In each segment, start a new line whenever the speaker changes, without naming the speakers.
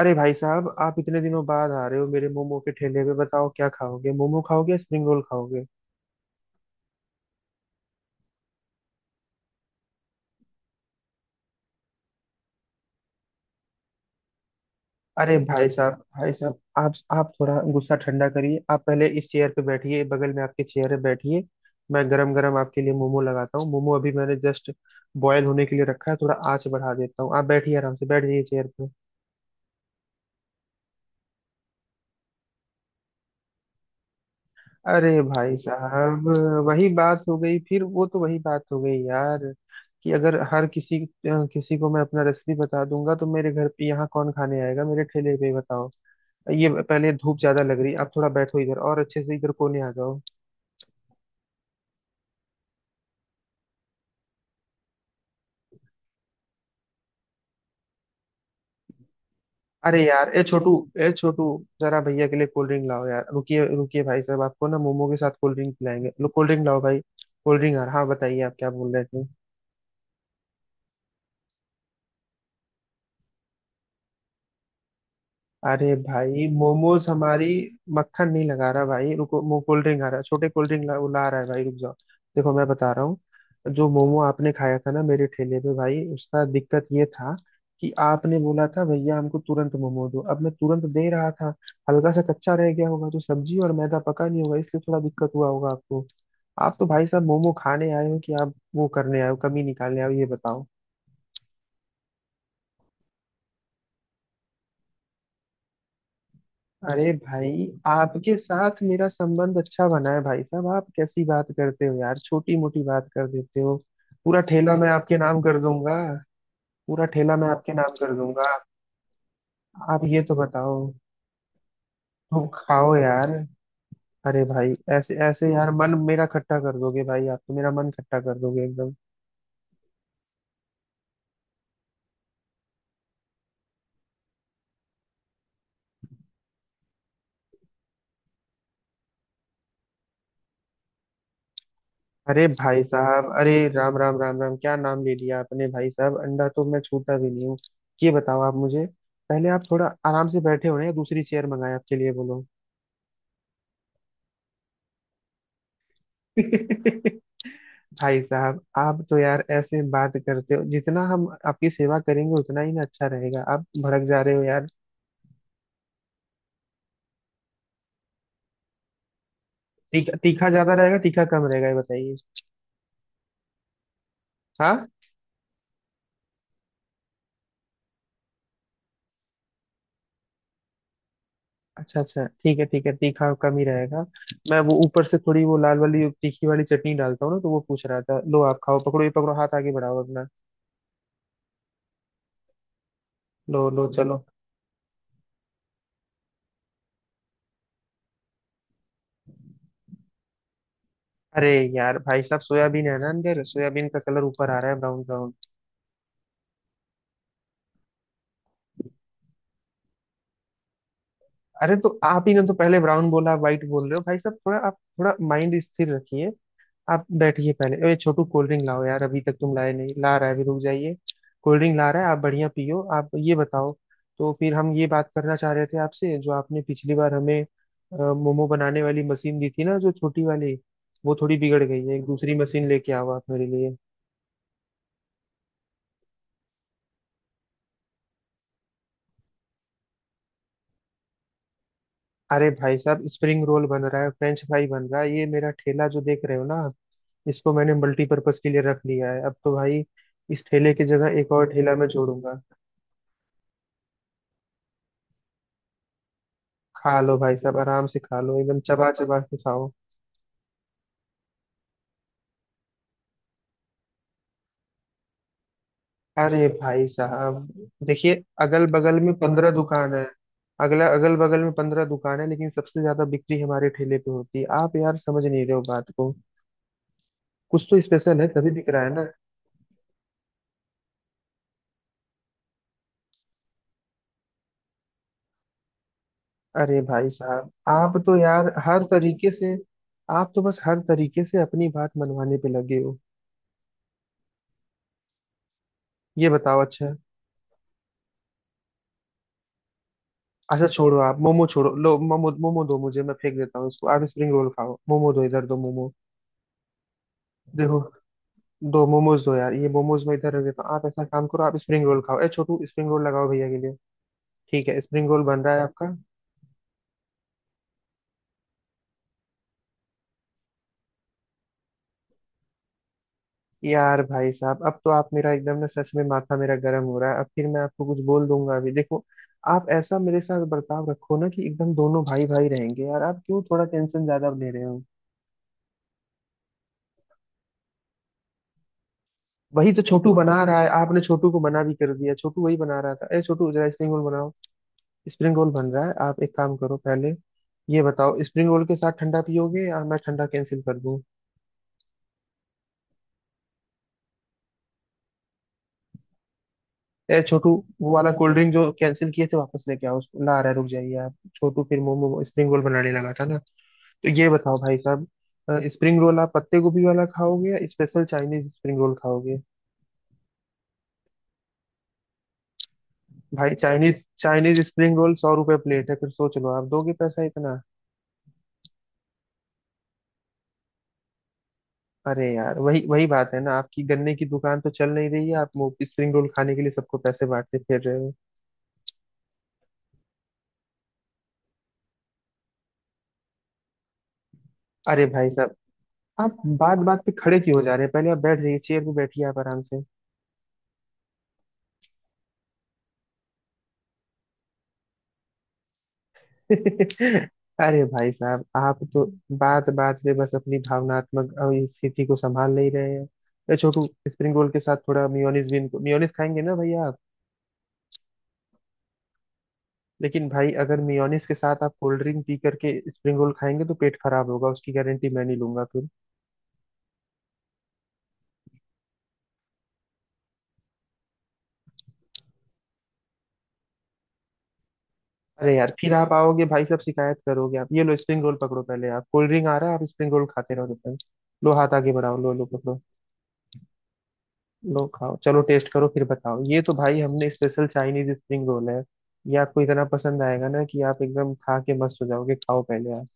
अरे भाई साहब, आप इतने दिनों बाद आ रहे हो मेरे मोमो के ठेले पे। बताओ, क्या खाओगे? मोमो खाओगे या स्प्रिंग रोल खाओगे? अरे भाई साहब, भाई साहब, आप थोड़ा गुस्सा ठंडा करिए। आप पहले इस चेयर पे बैठिए। बगल में आपके चेयर है, बैठिए। मैं गरम गरम आपके लिए मोमो लगाता हूँ। मोमो अभी मैंने जस्ट बॉयल होने के लिए रखा है। थोड़ा आंच बढ़ा देता हूँ, आप बैठिए, आराम से बैठ जाइए चेयर पे। अरे भाई साहब, वही बात हो गई फिर। वो तो वही बात हो गई यार कि अगर हर किसी किसी को मैं अपना रेसिपी बता दूंगा तो मेरे घर पे यहाँ कौन खाने आएगा, मेरे ठेले पे? बताओ। ये पहले धूप ज्यादा लग रही, आप थोड़ा बैठो इधर और अच्छे से इधर कोने आ जाओ। अरे यार, ए छोटू, ए छोटू, जरा भैया के लिए कोल्ड ड्रिंक लाओ यार। रुकिए रुकिए भाई साहब, आपको ना मोमो के साथ कोल्ड ड्रिंक पिलाएंगे। लो कोल्ड ड्रिंक लाओ भाई, कोल्ड ड्रिंक यार। हाँ, बताइए आप क्या बोल रहे थे? अरे भाई, मोमोज हमारी। मक्खन नहीं लगा रहा भाई, रुको। मो कोल्ड ड्रिंक आ रहा है। छोटे, कोल्ड ड्रिंक ला, वो ला रहा है भाई, रुक जाओ। देखो, मैं बता रहा हूँ, जो मोमो आपने खाया था ना मेरे ठेले पे भाई, उसका दिक्कत ये था कि आपने बोला था भैया हमको तुरंत मोमो दो। अब मैं तुरंत दे रहा था, हल्का सा कच्चा रह गया होगा, तो सब्जी और मैदा पका नहीं होगा, इसलिए थोड़ा दिक्कत हुआ होगा आपको। आप तो भाई साहब मोमो खाने आए हो कि आप वो करने आए हो, कमी निकालने आए हो? ये बताओ। अरे भाई, आपके साथ मेरा संबंध अच्छा बना है भाई साहब, आप कैसी बात करते हो यार, छोटी मोटी बात कर देते हो। पूरा ठेला मैं आपके नाम कर दूंगा। पूरा ठेला मैं आपके नाम कर दूंगा। आप ये तो बताओ। तुम खाओ यार। अरे भाई, ऐसे ऐसे यार मन मेरा खट्टा कर दोगे भाई, आप तो मेरा मन खट्टा कर दोगे एकदम। अरे भाई साहब, अरे राम राम राम राम, क्या नाम ले लिया आपने भाई साहब, अंडा तो मैं छूता भी नहीं हूँ। ये बताओ आप मुझे, पहले आप थोड़ा आराम से बैठे हो ना, या दूसरी चेयर मंगाए आपके लिए? बोलो। भाई साहब आप तो यार ऐसे बात करते हो, जितना हम आपकी सेवा करेंगे उतना ही ना अच्छा रहेगा, आप भड़क जा रहे हो यार। तीखा तीखा ज्यादा रहेगा, तीखा कम रहेगा, ये बताइए। हाँ। अच्छा अच्छा, ठीक है ठीक है, तीखा कम ही रहेगा। मैं वो ऊपर से थोड़ी वो लाल वाली तीखी वाली चटनी डालता हूँ ना, तो वो पूछ रहा था। लो आप खाओ, पकड़ो ये, पकड़ो, हाथ आगे बढ़ाओ अपना। लो लो चलो। अरे यार भाई साहब, सोयाबीन है ना अंदर, सोयाबीन का कलर ऊपर आ रहा है ब्राउन ब्राउन। अरे तो आप ही ने तो पहले ब्राउन बोला, व्हाइट बोल रहे हो भाई साहब, थोड़ा आप थोड़ा माइंड स्थिर रखिए। आप बैठिए पहले। ए छोटू, कोल्ड ड्रिंक लाओ यार, अभी तक तुम लाए नहीं। ला रहा है अभी, रुक जाइए। कोल्ड ड्रिंक ला रहा है, आप बढ़िया पियो। आप ये बताओ, तो फिर हम ये बात करना चाह रहे थे आपसे, जो आपने पिछली बार हमें मोमो बनाने वाली मशीन दी थी ना, जो छोटी वाली, वो थोड़ी बिगड़ गई है। एक दूसरी मशीन लेके आओ आप मेरे लिए। अरे भाई साहब, स्प्रिंग रोल बन रहा है, फ्रेंच फ्राई बन रहा है। ये मेरा ठेला जो देख रहे हो ना आप, इसको मैंने मल्टीपर्पज के लिए रख लिया है। अब तो भाई इस ठेले की जगह एक और ठेला मैं जोड़ूंगा। खा लो भाई साहब, आराम से खा लो, एकदम चबा चबा के खाओ। अरे भाई साहब, देखिए, अगल बगल में 15 दुकान है। अगल बगल में पंद्रह दुकान है, लेकिन सबसे ज्यादा बिक्री हमारे ठेले पे होती है। आप यार समझ नहीं रहे हो बात को, कुछ तो स्पेशल है तभी बिक रहा है ना। अरे भाई साहब, आप तो यार हर तरीके से। आप तो बस हर तरीके से अपनी बात मनवाने पे लगे हो। ये बताओ। अच्छा अच्छा, छोड़ो आप मोमो छोड़ो। लो मोमो, मोमो दो मुझे, मैं फेंक देता हूँ इसको, आप स्प्रिंग रोल खाओ। मोमो दो इधर, दो मोमो। देखो, दो मोमोज दो यार, ये मोमोज मैं इधर रख देता हूँ। आप ऐसा काम करो, आप स्प्रिंग रोल खाओ। ए छोटू स्प्रिंग रोल लगाओ भैया के लिए। ठीक है, स्प्रिंग रोल बन रहा है आपका। यार भाई साहब, अब तो आप मेरा एकदम ना, सच में माथा मेरा गर्म हो रहा है। अब फिर मैं आपको कुछ बोल दूंगा अभी, देखो। आप ऐसा मेरे साथ बर्ताव रखो ना कि एकदम दोनों भाई भाई रहेंगे यार। आप क्यों थोड़ा टेंशन ज्यादा ले रहे हो? वही तो छोटू बना रहा है। आपने छोटू को मना भी कर दिया। छोटू वही बना रहा था। ए छोटू, जरा स्प्रिंग रोल बनाओ। स्प्रिंग रोल बन रहा है। आप एक काम करो पहले। ये बताओ, स्प्रिंग रोल के साथ ठंडा पियोगे या मैं ठंडा कैंसिल कर दूं? ए छोटू, वो वाला कोल्ड ड्रिंक जो कैंसिल किए थे, वापस लेके आओ उसको, ला। आ रहा है, रुक जाइए आप। छोटू फिर मोमो स्प्रिंग रोल बनाने लगा था ना। तो ये बताओ भाई साहब, स्प्रिंग रोल आप पत्ते गोभी वाला खाओगे या स्पेशल चाइनीज स्प्रिंग रोल खाओगे? भाई, चाइनीज चाइनीज स्प्रिंग रोल 100 रुपए प्लेट है, फिर सोच लो, आप दोगे पैसा इतना? अरे यार, वही वही बात है ना, आपकी गन्ने की दुकान तो चल नहीं रही है, आप वो स्प्रिंग रोल खाने के लिए सबको पैसे बांटते फिर रहे हो। अरे भाई साहब, आप बात बात पे खड़े क्यों हो जा रहे हैं? पहले आप बैठ जाइए चेयर पे, बैठिए आप आराम से। अरे भाई साहब, आप तो बात बात पे बस अपनी भावनात्मक स्थिति को संभाल नहीं रहे हैं। अरे छोटू, स्प्रिंग रोल के साथ थोड़ा मियोनीज भी। इनको मियोनीज खाएंगे ना, भैया आप? लेकिन भाई, अगर मियोनीज के साथ आप कोल्ड ड्रिंक पी करके स्प्रिंग रोल खाएंगे तो पेट खराब होगा, उसकी गारंटी मैं नहीं लूंगा फिर। अरे यार, फिर आप आओगे भाई साहब, शिकायत करोगे। आप ये लो स्प्रिंग रोल पकड़ो पहले, आप कोल्ड ड्रिंक आ रहा है, आप स्प्रिंग रोल खाते रहो जब तक। लो हाथ आगे बढ़ाओ, लो लो पकड़ो। लो खाओ, चलो टेस्ट करो, फिर बताओ। ये तो भाई हमने स्पेशल चाइनीज स्प्रिंग रोल है। ये आपको इतना पसंद आएगा ना कि आप एकदम खा के मस्त हो जाओगे। खाओ पहले आप।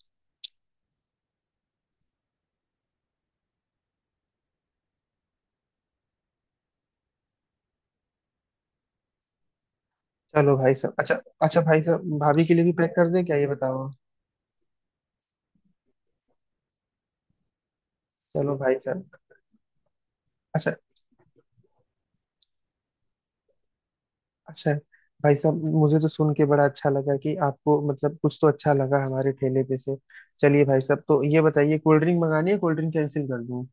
चलो भाई साहब, अच्छा। अच्छा भाई साहब, भाभी के लिए भी पैक कर दें क्या, ये बताओ? चलो भाई साहब, अच्छा। अच्छा भाई साहब, मुझे तो सुन के बड़ा अच्छा लगा कि आपको मतलब कुछ तो अच्छा लगा हमारे ठेले पे से। चलिए भाई साहब, तो ये बताइए, कोल्ड ड्रिंक मंगानी है, कोल्ड ड्रिंक कैंसिल कर दूं?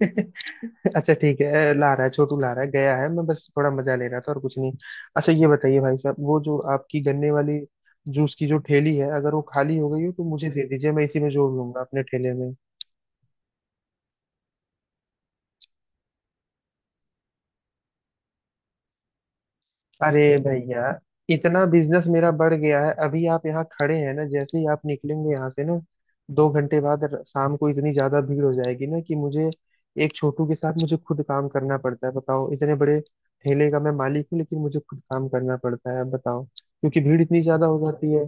अच्छा ठीक है, ला रहा है छोटू, ला रहा है, गया है, मैं बस थोड़ा मजा ले रहा था, और कुछ नहीं। अच्छा ये बताइए भाई साहब, वो जो आपकी गन्ने वाली जूस की जो ठेली है, अगर वो खाली हो गई हो तो मुझे दे दीजिए, मैं इसी में जोड़ लूंगा अपने ठेले में। अरे भैया, इतना बिजनेस मेरा बढ़ गया है, अभी आप यहाँ खड़े हैं ना, जैसे ही आप निकलेंगे यहाँ से ना, 2 घंटे बाद शाम को इतनी ज्यादा भीड़ हो जाएगी ना, कि मुझे एक छोटू के साथ मुझे खुद काम करना पड़ता है। बताओ, इतने बड़े ठेले का मैं मालिक हूँ, लेकिन मुझे खुद काम करना पड़ता है। आप बताओ, क्योंकि भीड़ इतनी ज्यादा हो जाती है।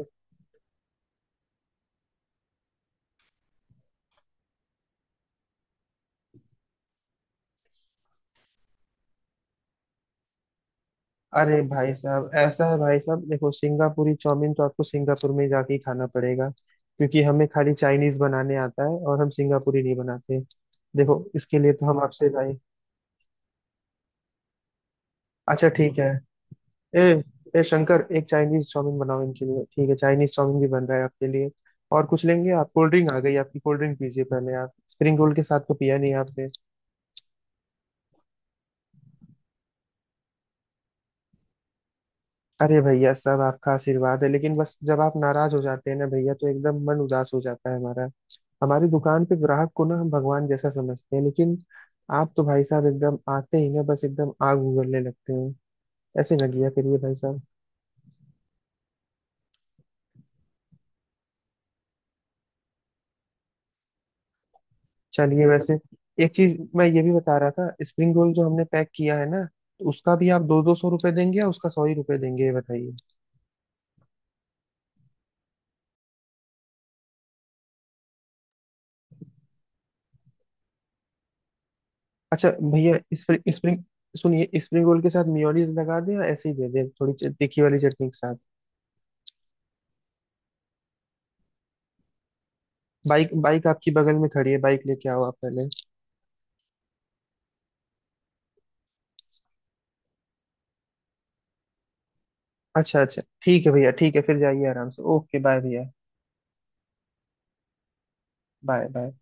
अरे भाई साहब, ऐसा है भाई साहब, देखो, सिंगापुरी चाउमीन तो आपको सिंगापुर में जाके ही खाना पड़ेगा, क्योंकि हमें खाली चाइनीज बनाने आता है और हम सिंगापुरी नहीं बनाते। देखो, इसके लिए तो हम आपसे भाई। अच्छा ठीक है। ए ए शंकर, एक चाइनीज चाउमीन बनाओ इनके लिए। ठीक है, चाइनीज चाउमीन भी बन रहा है आपके लिए। और कुछ लेंगे आप? कोल्ड ड्रिंक आ गई आपकी, कोल्ड ड्रिंक पीजिए पहले आप, स्प्रिंग रोल के साथ तो पिया नहीं आपने। अरे भैया, सब आपका आशीर्वाद है, लेकिन बस जब आप नाराज हो जाते हैं ना भैया, तो एकदम मन उदास हो जाता है हमारा। हमारी दुकान पे ग्राहक को ना हम भगवान जैसा समझते हैं, लेकिन आप तो भाई साहब एकदम आते ही ना बस एकदम आग उगलने लगते हैं। ऐसे ना किया करिए भाई साहब। चलिए वैसे, एक चीज मैं ये भी बता रहा था, स्प्रिंग रोल जो हमने पैक किया है ना, तो उसका भी आप दो दो सौ रुपए देंगे या उसका सौ ही रुपए देंगे, ये बताइए? अच्छा भैया, स्प्रिंग स्प्रिंग सुनिए, स्प्रिंग रोल के साथ मियोनीज लगा दें या ऐसे ही दे दें थोड़ी तीखी वाली चटनी के साथ? बाइक बाइक आपकी बगल में खड़ी है, बाइक लेके आओ आप पहले। अच्छा अच्छा ठीक है भैया, ठीक है फिर, जाइए आराम से। ओके बाय भैया। Bye bye.